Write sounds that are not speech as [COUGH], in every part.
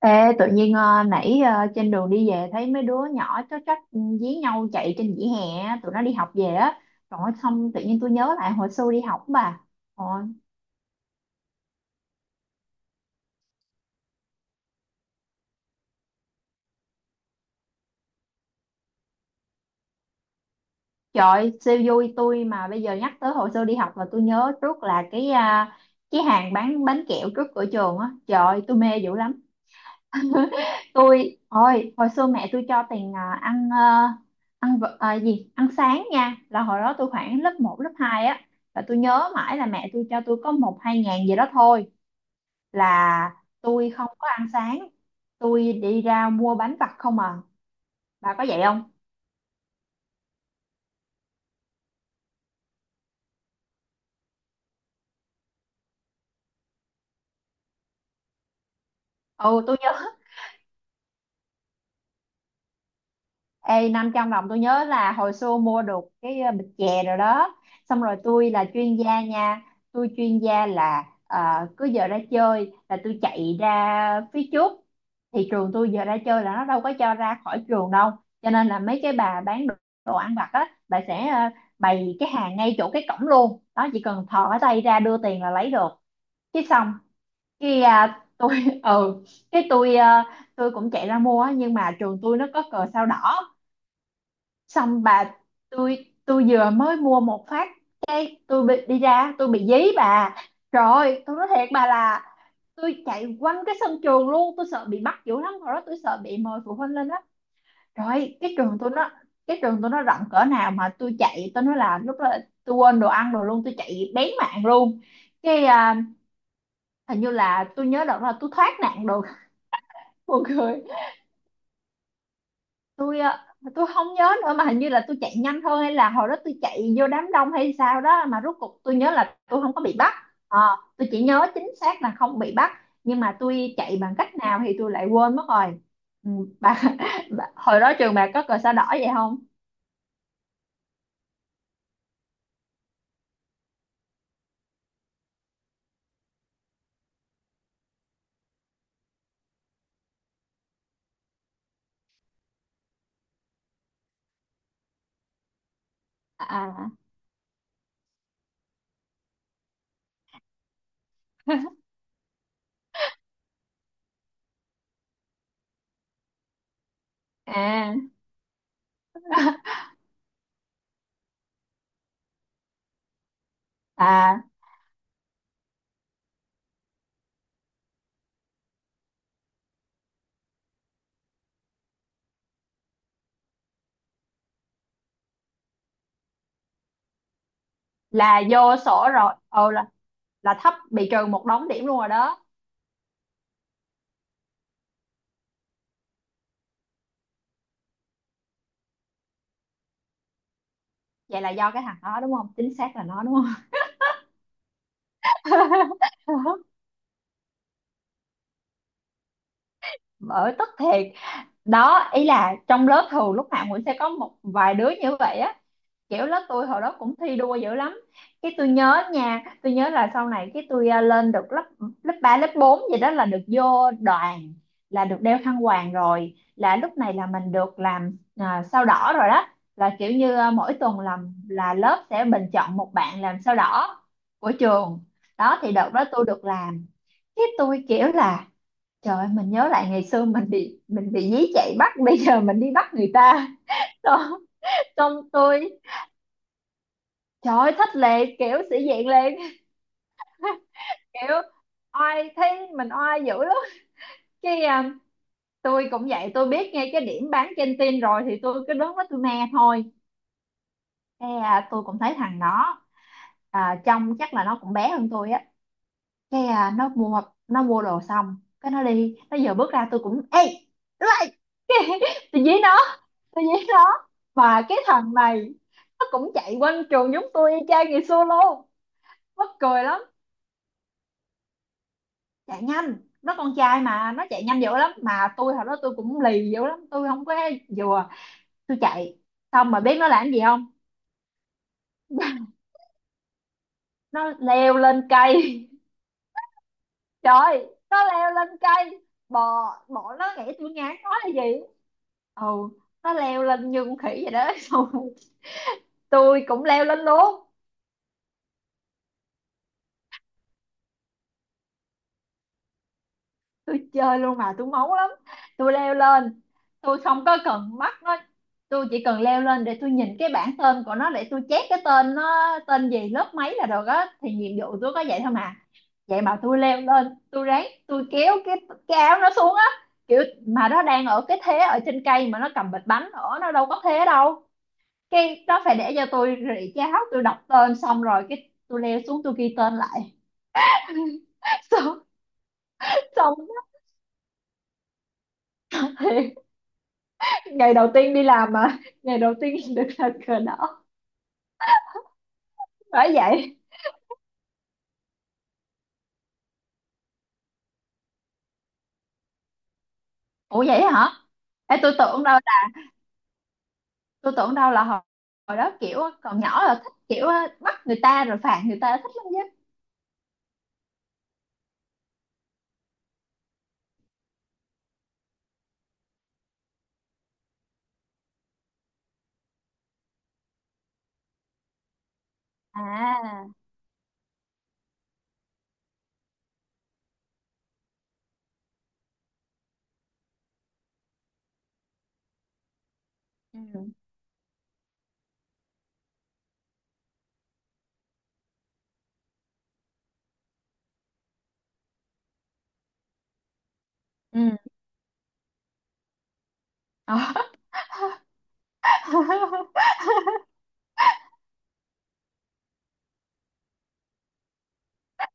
Ê, tự nhiên nãy, trên đường đi về thấy mấy đứa nhỏ chó trách dí nhau chạy trên vỉa hè á, tụi nó đi học về á. Rồi xong tự nhiên tôi nhớ lại hồi xưa đi học bà. Ôi, trời siêu vui, tôi mà bây giờ nhắc tới hồi xưa đi học là tôi nhớ trước là cái hàng bán bánh kẹo trước cửa trường á, trời tôi mê dữ lắm. [LAUGHS] Tôi, ôi hồi xưa mẹ tôi cho tiền ăn, gì ăn sáng nha, là hồi đó tôi khoảng lớp một lớp 2 á, là tôi nhớ mãi là mẹ tôi cho tôi có một hai ngàn gì đó thôi, là tôi không có ăn sáng, tôi đi ra mua bánh vặt không à. Bà có vậy không? Ừ, tôi nhớ. Ê, 500 đồng tôi nhớ là hồi xưa mua được cái bịch chè rồi đó. Xong rồi tôi là chuyên gia nha. Tôi chuyên gia là, cứ giờ ra chơi là tôi chạy ra phía trước. Thì trường tôi giờ ra chơi là nó đâu có cho ra khỏi trường đâu, cho nên là mấy cái bà bán đồ ăn vặt á. Bà sẽ bày cái hàng ngay chỗ cái cổng luôn. Đó, chỉ cần thò cái tay ra đưa tiền là lấy được cái xong. Cái tôi [LAUGHS] ừ, cái tôi cũng chạy ra mua á, nhưng mà trường tôi nó có cờ sao đỏ. Xong bà, tôi vừa mới mua một phát cái tôi bị đi ra, tôi bị dí bà. Rồi tôi nói thiệt bà là tôi chạy quanh cái sân trường luôn, tôi sợ bị bắt dữ lắm, hồi đó tôi sợ bị mời phụ huynh lên đó. Rồi cái trường tôi nó rộng cỡ nào mà tôi chạy, tôi nói là lúc đó tôi quên đồ ăn rồi luôn, tôi chạy bén mạng luôn. cái à, Hình như là tôi nhớ đợt là tôi thoát nạn được, buồn cười. [LAUGHS] tôi ạ, tôi không nhớ nữa, mà hình như là tôi chạy nhanh thôi, hay là hồi đó tôi chạy vô đám đông hay sao đó, mà rốt cuộc tôi nhớ là tôi không có bị bắt. Ờ, tôi chỉ nhớ chính xác là không bị bắt, nhưng mà tôi chạy bằng cách nào thì tôi lại quên mất rồi. Ừ, bà, [LAUGHS] bà, hồi đó trường bà có cờ sao đỏ vậy không? À, à. [LAUGHS] À, à, là vô sổ rồi. Ừ, là thấp bị trừ một đống điểm luôn rồi đó. Vậy là do cái thằng đó đúng không, chính xác là nó đúng không. [LAUGHS] Bởi tức thiệt đó, ý là trong lớp thường lúc nào cũng sẽ có một vài đứa như vậy á. Kiểu lớp tôi hồi đó cũng thi đua dữ lắm. Cái tôi nhớ nha, tôi nhớ là sau này cái tôi lên được lớp, lớp ba lớp 4 gì đó là được vô đoàn, là được đeo khăn quàng rồi, là lúc này là mình được làm sao đỏ rồi đó. Là kiểu như mỗi tuần làm là lớp sẽ bình chọn một bạn làm sao đỏ của trường. Đó thì đợt đó tôi được làm. Cái tôi kiểu là: trời ơi, mình nhớ lại ngày xưa mình bị dí chạy bắt, bây giờ mình đi bắt người ta đó. Xong tôi, trời ơi, thích lệ, kiểu sĩ diện lên. [LAUGHS] Kiểu oai, thấy mình oai dữ lắm. cái à, tôi cũng vậy, tôi biết ngay cái điểm bán trên tin rồi thì tôi cứ đứng đó tôi me thôi. Tôi cũng thấy thằng đó, trông chắc là nó cũng bé hơn tôi á. cái à, nó mua nó mua đồ xong cái nó đi, nó giờ bước ra tôi cũng ê lại cái, [LAUGHS] tôi dí nó, tôi dí nó. Mà cái thằng này nó cũng chạy quanh trường giống tôi y chang ngày xưa luôn, mắc cười lắm. Chạy nhanh, nó con trai mà nó chạy nhanh dữ lắm, mà tôi hồi đó tôi cũng lì dữ lắm, tôi không có vừa, tôi chạy. Xong mà biết nó làm gì không? Nó leo lên cây. [LAUGHS] Trời, nó leo lên cây, bò bò. Nó nghĩ tôi ngán nó là gì. Ừ, nó leo lên như con khỉ vậy đó. [LAUGHS] Xong tôi cũng leo lên luôn, tôi chơi luôn mà, tôi máu lắm. Tôi leo lên, tôi không có cần mắt nó, tôi chỉ cần leo lên để tôi nhìn cái bảng tên của nó, để tôi chép cái tên nó tên gì lớp mấy là được á, thì nhiệm vụ tôi có vậy thôi mà. Vậy mà tôi leo lên tôi ráng tôi kéo cái áo nó xuống á, kiểu, mà nó đang ở cái thế ở trên cây mà nó cầm bịch bánh nữa, nó đâu có thế đâu. Cái đó phải để cho tôi rỉ cháo, tôi đọc tên xong rồi cái tôi leo xuống tôi ghi tên lại. [LAUGHS] xong Xong thì ngày đầu tiên đi làm mà, ngày đầu tiên [LAUGHS] được là cờ đỏ phải vậy. Ủa vậy hả? Ê, tôi tưởng đâu là hồi đó kiểu còn nhỏ là thích kiểu bắt người ta rồi phạt người ta thích lắm chứ. À, ừ, ừ. Ờ. [LAUGHS]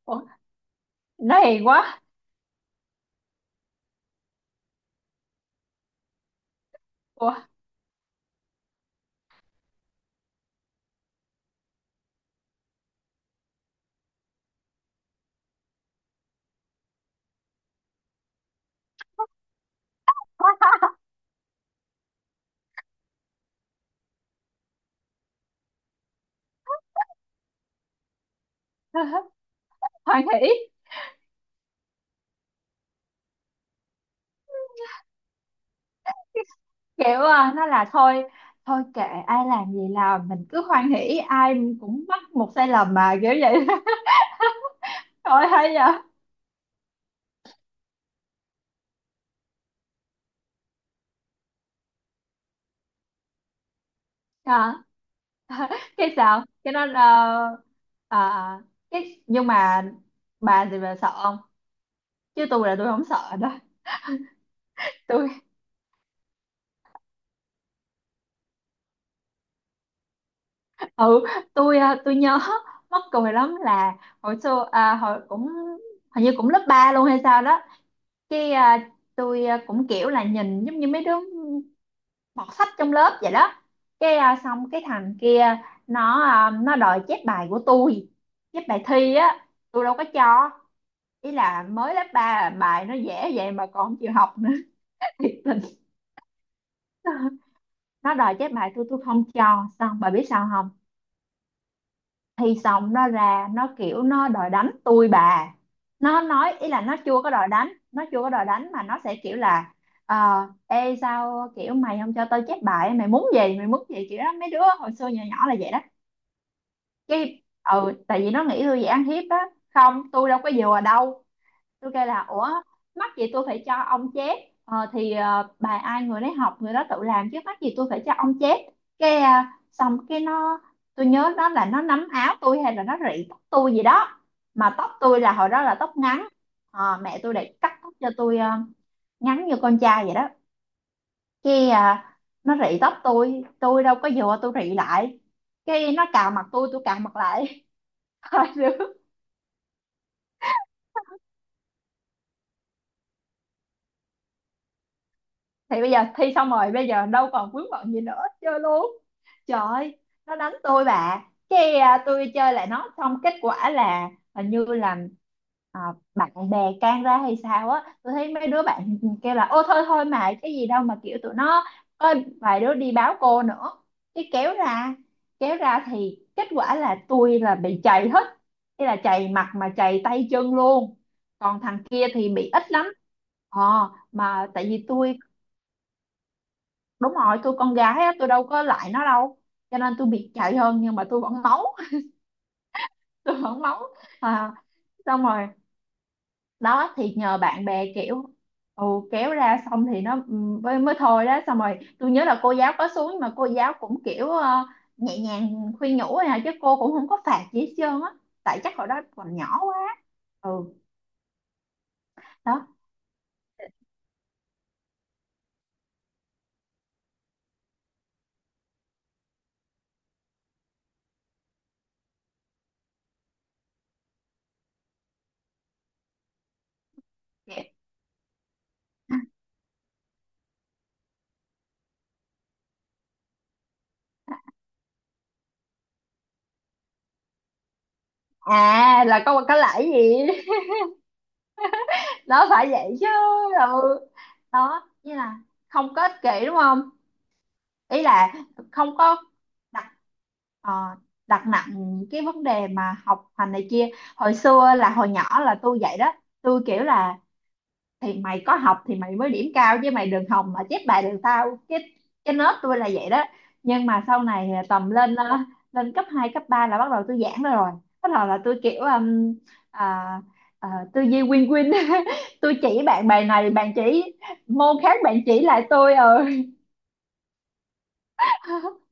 Ủa, nó hiền quá. Ủa. [LAUGHS] Hoan hỷ. Kiểu nó là thôi, thôi kệ, ai làm gì làm mình cứ hoan hỉ, ai cũng mắc một sai lầm mà kiểu vậy. [LAUGHS] Thôi hay vậy. À. [LAUGHS] cái sao cái nó ờ, à, Cái nhưng mà bà thì bà sợ không, chứ tôi là tôi không sợ đó. [LAUGHS] tôi ừ tôi à, Tôi nhớ mắc cười lắm là hồi xưa, hồi cũng, hình như cũng lớp 3 luôn hay sao đó. Cái à, tôi à, cũng kiểu là nhìn giống như mấy đứa bọt sách trong lớp vậy đó. Xong cái thằng kia, nó đòi chép bài của tôi, chép bài thi á tôi đâu có cho. Ý là mới lớp ba, bài nó dễ vậy mà còn không chịu học nữa. [LAUGHS] Thiệt tình. Nó đòi chép bài tôi không cho, xong bà biết sao không? Thì xong nó ra nó kiểu nó đòi đánh tôi bà, nó nói ý là nó chưa có đòi đánh mà nó sẽ kiểu là, ờ ê, sao kiểu mày không cho tao chép bài, mày muốn gì mày muốn gì, kiểu đó, mấy đứa hồi xưa nhỏ nhỏ là vậy đó. Cái, tại vì nó nghĩ tôi dễ ăn hiếp á. Không, tôi đâu có vừa đâu. Tôi kêu là: ủa, mắc gì tôi phải cho ông chép, thì bài ai người đấy học, người đó tự làm chứ mắc gì tôi phải cho ông chép. Xong cái nó, tôi nhớ đó là nó nắm áo tôi hay là nó rị tóc tôi gì đó. Mà tóc tôi là hồi đó là tóc ngắn. Ờ, mẹ tôi để cắt tóc cho tôi ngắn như con trai vậy đó. cái à, nó rị tóc tôi đâu có vừa tôi rị lại, cái nó cào mặt tôi cào mặt lại. [LAUGHS] Thì bây giờ thi xong rồi, bây giờ đâu còn vướng bận gì nữa, chơi luôn. Trời ơi, nó đánh tôi bà. Tôi chơi lại nó, xong kết quả là hình như là, à, bạn bè can ra hay sao á. Tôi thấy mấy đứa bạn kêu là: ô thôi thôi mà cái gì đâu mà, kiểu tụi nó có vài đứa đi báo cô nữa, cái kéo ra, kéo ra thì kết quả là tôi là bị chày hết, thế là chày mặt mà chày tay chân luôn, còn thằng kia thì bị ít lắm. Mà tại vì tôi, đúng rồi, tôi con gái á, tôi đâu có lại nó đâu, cho nên tôi biệt chạy hơn, nhưng mà tôi vẫn máu, [LAUGHS] tôi vẫn máu. à, Xong rồi đó thì nhờ bạn bè kiểu, ừ, kéo ra, xong thì nó mới thôi đó, xong rồi tôi nhớ là cô giáo có xuống nhưng mà cô giáo cũng kiểu nhẹ nhàng khuyên nhủ thôi à, chứ cô cũng không có phạt gì hết trơn á. Tại chắc hồi đó còn nhỏ quá. Ừ đó, à là có lại gì. [LAUGHS] Đó phải vậy chứ. Ừ đó, như là không có ích kỷ đúng không, ý là không có đặt ờ, đặt nặng những cái vấn đề mà học hành này kia. Hồi xưa là hồi nhỏ là tôi vậy đó, tôi kiểu là: thì mày có học thì mày mới điểm cao chứ, mày đừng hòng mà chép bài được tao. Cái nết tôi là vậy đó. Nhưng mà sau này tầm lên, lên cấp 2 cấp 3 là bắt đầu tôi giãn ra rồi, bắt đầu là tôi kiểu à, tư duy win win. [LAUGHS] Tôi chỉ bạn bài này, bạn chỉ môn khác, bạn chỉ lại tôi [LAUGHS]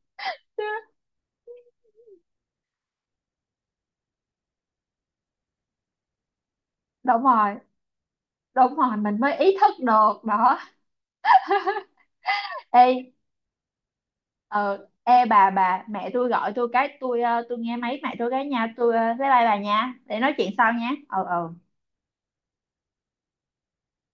Đúng rồi, đúng rồi, mình mới ý thức được đó. Ê, ờ ê bà, mẹ tôi gọi tôi, cái tôi nghe máy mẹ tôi cái nha, tôi bye bye bà nha, để nói chuyện sau nha. Ừ, ừ.